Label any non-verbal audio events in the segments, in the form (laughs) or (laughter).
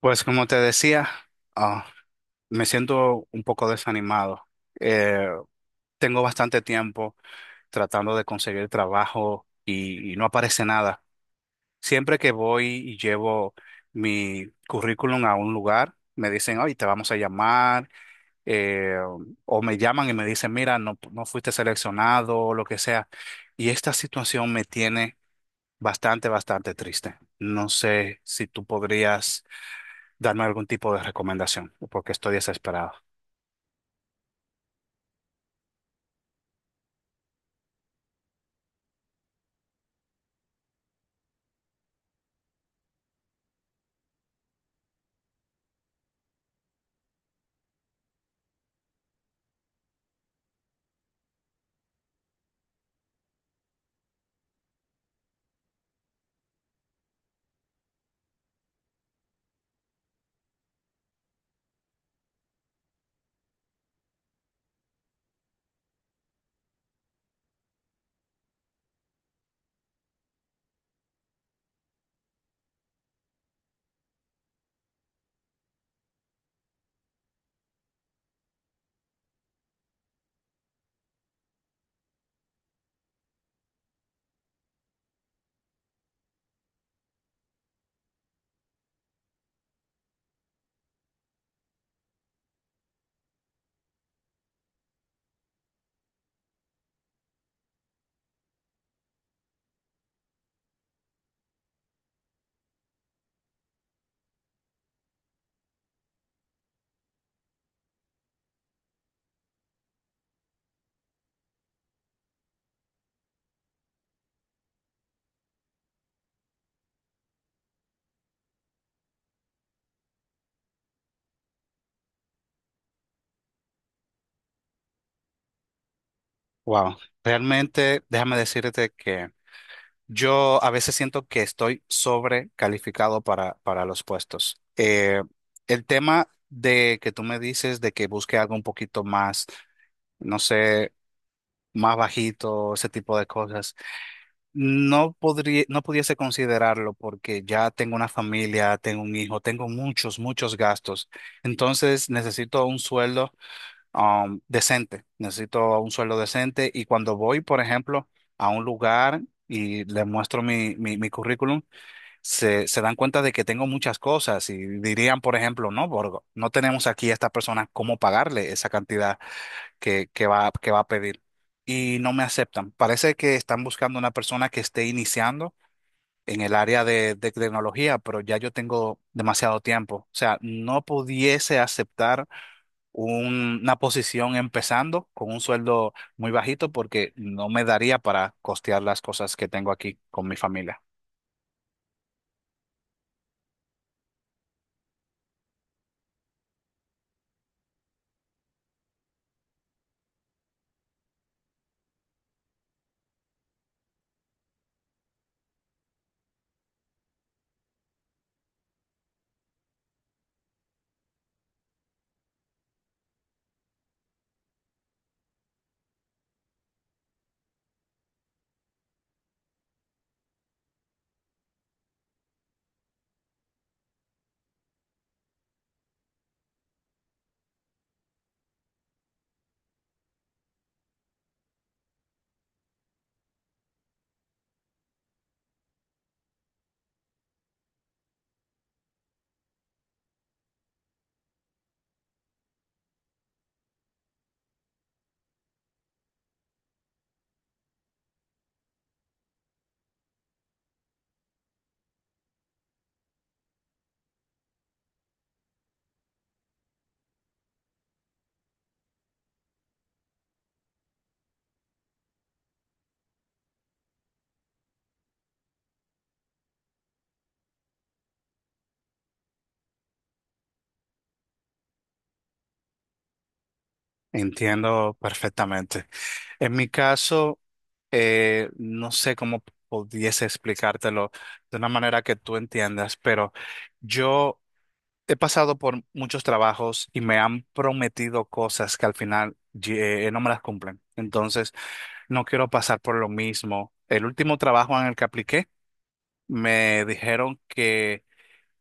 Pues como te decía, ah, me siento un poco desanimado. Eh, Tengo bastante tiempo tratando de conseguir trabajo y no aparece nada. Siempre que voy y llevo mi currículum a un lugar, me dicen, oye, te vamos a llamar, eh, o me llaman y me dicen, mira, no, no fuiste seleccionado o lo que sea. Y esta situación me tiene bastante triste. No sé si tú podrías darme algún tipo de recomendación, porque estoy desesperado. Wow, realmente déjame decirte que yo a veces siento que estoy sobrecalificado para los puestos. El tema de que tú me dices de que busque algo un poquito más, no sé, más bajito, ese tipo de cosas, no podría, no pudiese considerarlo porque ya tengo una familia, tengo un hijo, tengo muchos gastos. Entonces necesito un sueldo decente, necesito un sueldo decente y cuando voy, por ejemplo, a un lugar y le muestro mi currículum, se dan cuenta de que tengo muchas cosas y dirían, por ejemplo, no, Borgo, no tenemos aquí a esta persona cómo pagarle esa cantidad que va a pedir y no me aceptan. Parece que están buscando una persona que esté iniciando en el área de tecnología, pero ya yo tengo demasiado tiempo. O sea, no pudiese aceptar una posición empezando con un sueldo muy bajito porque no me daría para costear las cosas que tengo aquí con mi familia. Entiendo perfectamente. En mi caso, no sé cómo pudiese explicártelo de una manera que tú entiendas, pero yo he pasado por muchos trabajos y me han prometido cosas que al final no me las cumplen. Entonces, no quiero pasar por lo mismo. El último trabajo en el que apliqué me dijeron que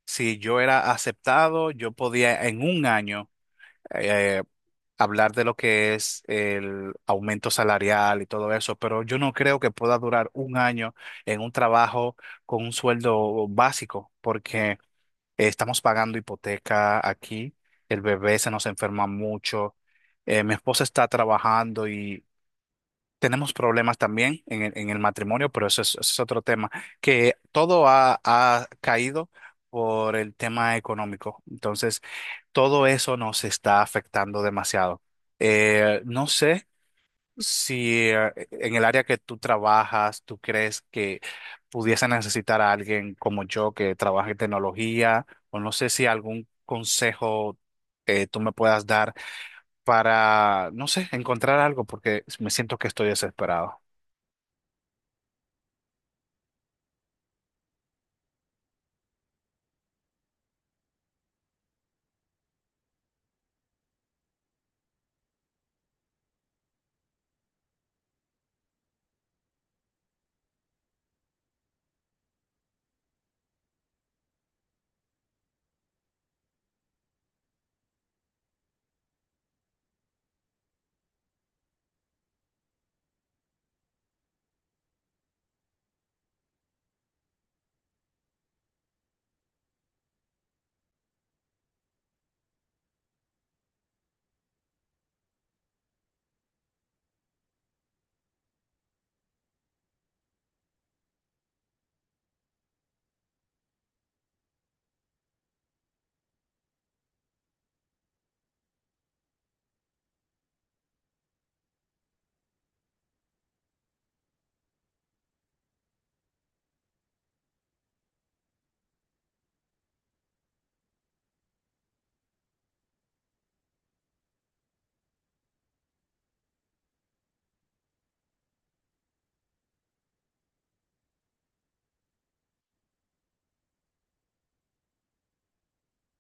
si yo era aceptado, yo podía en un año eh, hablar de lo que es el aumento salarial y todo eso, pero yo no creo que pueda durar un año en un trabajo con un sueldo básico, porque estamos pagando hipoteca aquí, el bebé se nos enferma mucho, mi esposa está trabajando, tenemos problemas también en el matrimonio, pero eso es otro tema, que todo ha caído por el tema económico. Entonces, todo eso nos está afectando demasiado. No sé si en el área que tú trabajas, tú crees que pudiese necesitar a alguien como yo que trabaje en tecnología, o no sé si algún consejo tú me puedas dar para, no sé, encontrar algo, porque me siento que estoy desesperado.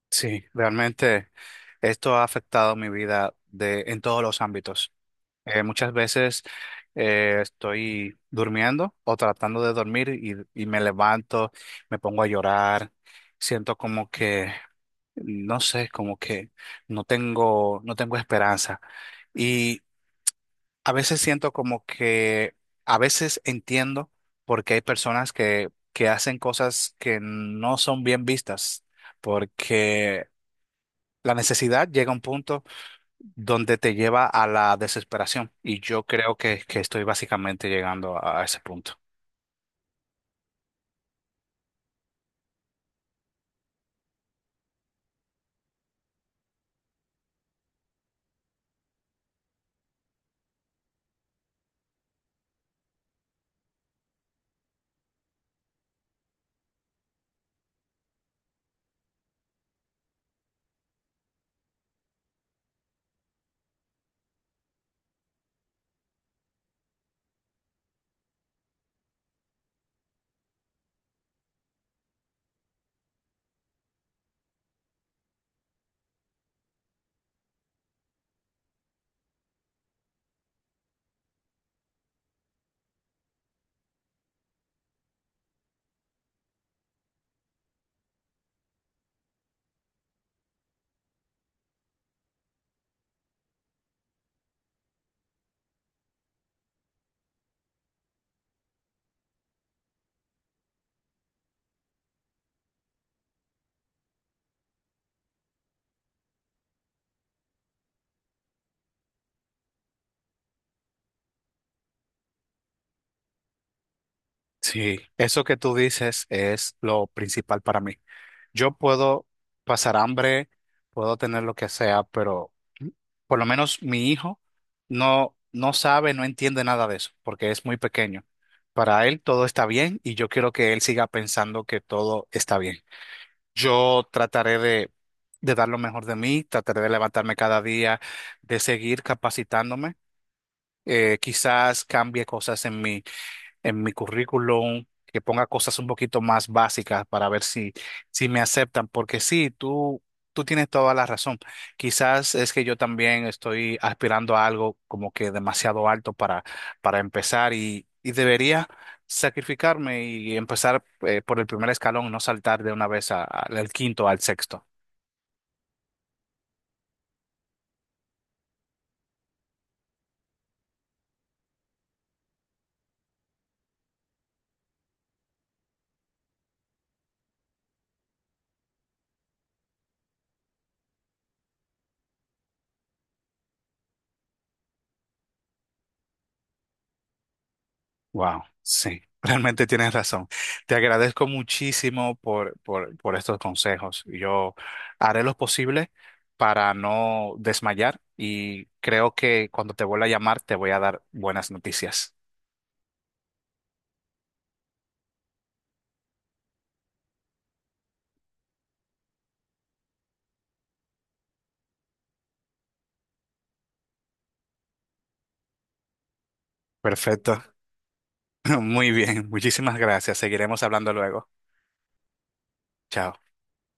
Sí, realmente esto ha afectado mi vida de, en todos los ámbitos. Muchas veces estoy durmiendo o tratando de dormir y me levanto, me pongo a llorar, siento como que, no sé, como que no tengo esperanza. Y a veces siento como que, a veces entiendo porque hay personas que hacen cosas que no son bien vistas, porque la necesidad llega a un punto donde te lleva a la desesperación y yo creo que estoy básicamente llegando a ese punto. Sí, eso que tú dices es lo principal para mí. Yo puedo pasar hambre, puedo tener lo que sea, pero por lo menos mi hijo no sabe, no entiende nada de eso, porque es muy pequeño. Para él todo está bien y yo quiero que él siga pensando que todo está bien. Yo trataré de dar lo mejor de mí, trataré de levantarme cada día, de seguir capacitándome. Quizás cambie cosas en mí, en mi currículum, que ponga cosas un poquito más básicas para ver si, si me aceptan, porque sí, tú tienes toda la razón. Quizás es que yo también estoy aspirando a algo como que demasiado alto para empezar y debería sacrificarme y empezar por el primer escalón, no saltar de una vez al quinto, al sexto. Wow, sí, (laughs) realmente tienes razón. Te agradezco muchísimo por estos consejos. Yo haré lo posible para no desmayar y creo que cuando te vuelva a llamar te voy a dar buenas noticias. Perfecto. (laughs) Muy bien, muchísimas gracias. Seguiremos hablando luego. Chao.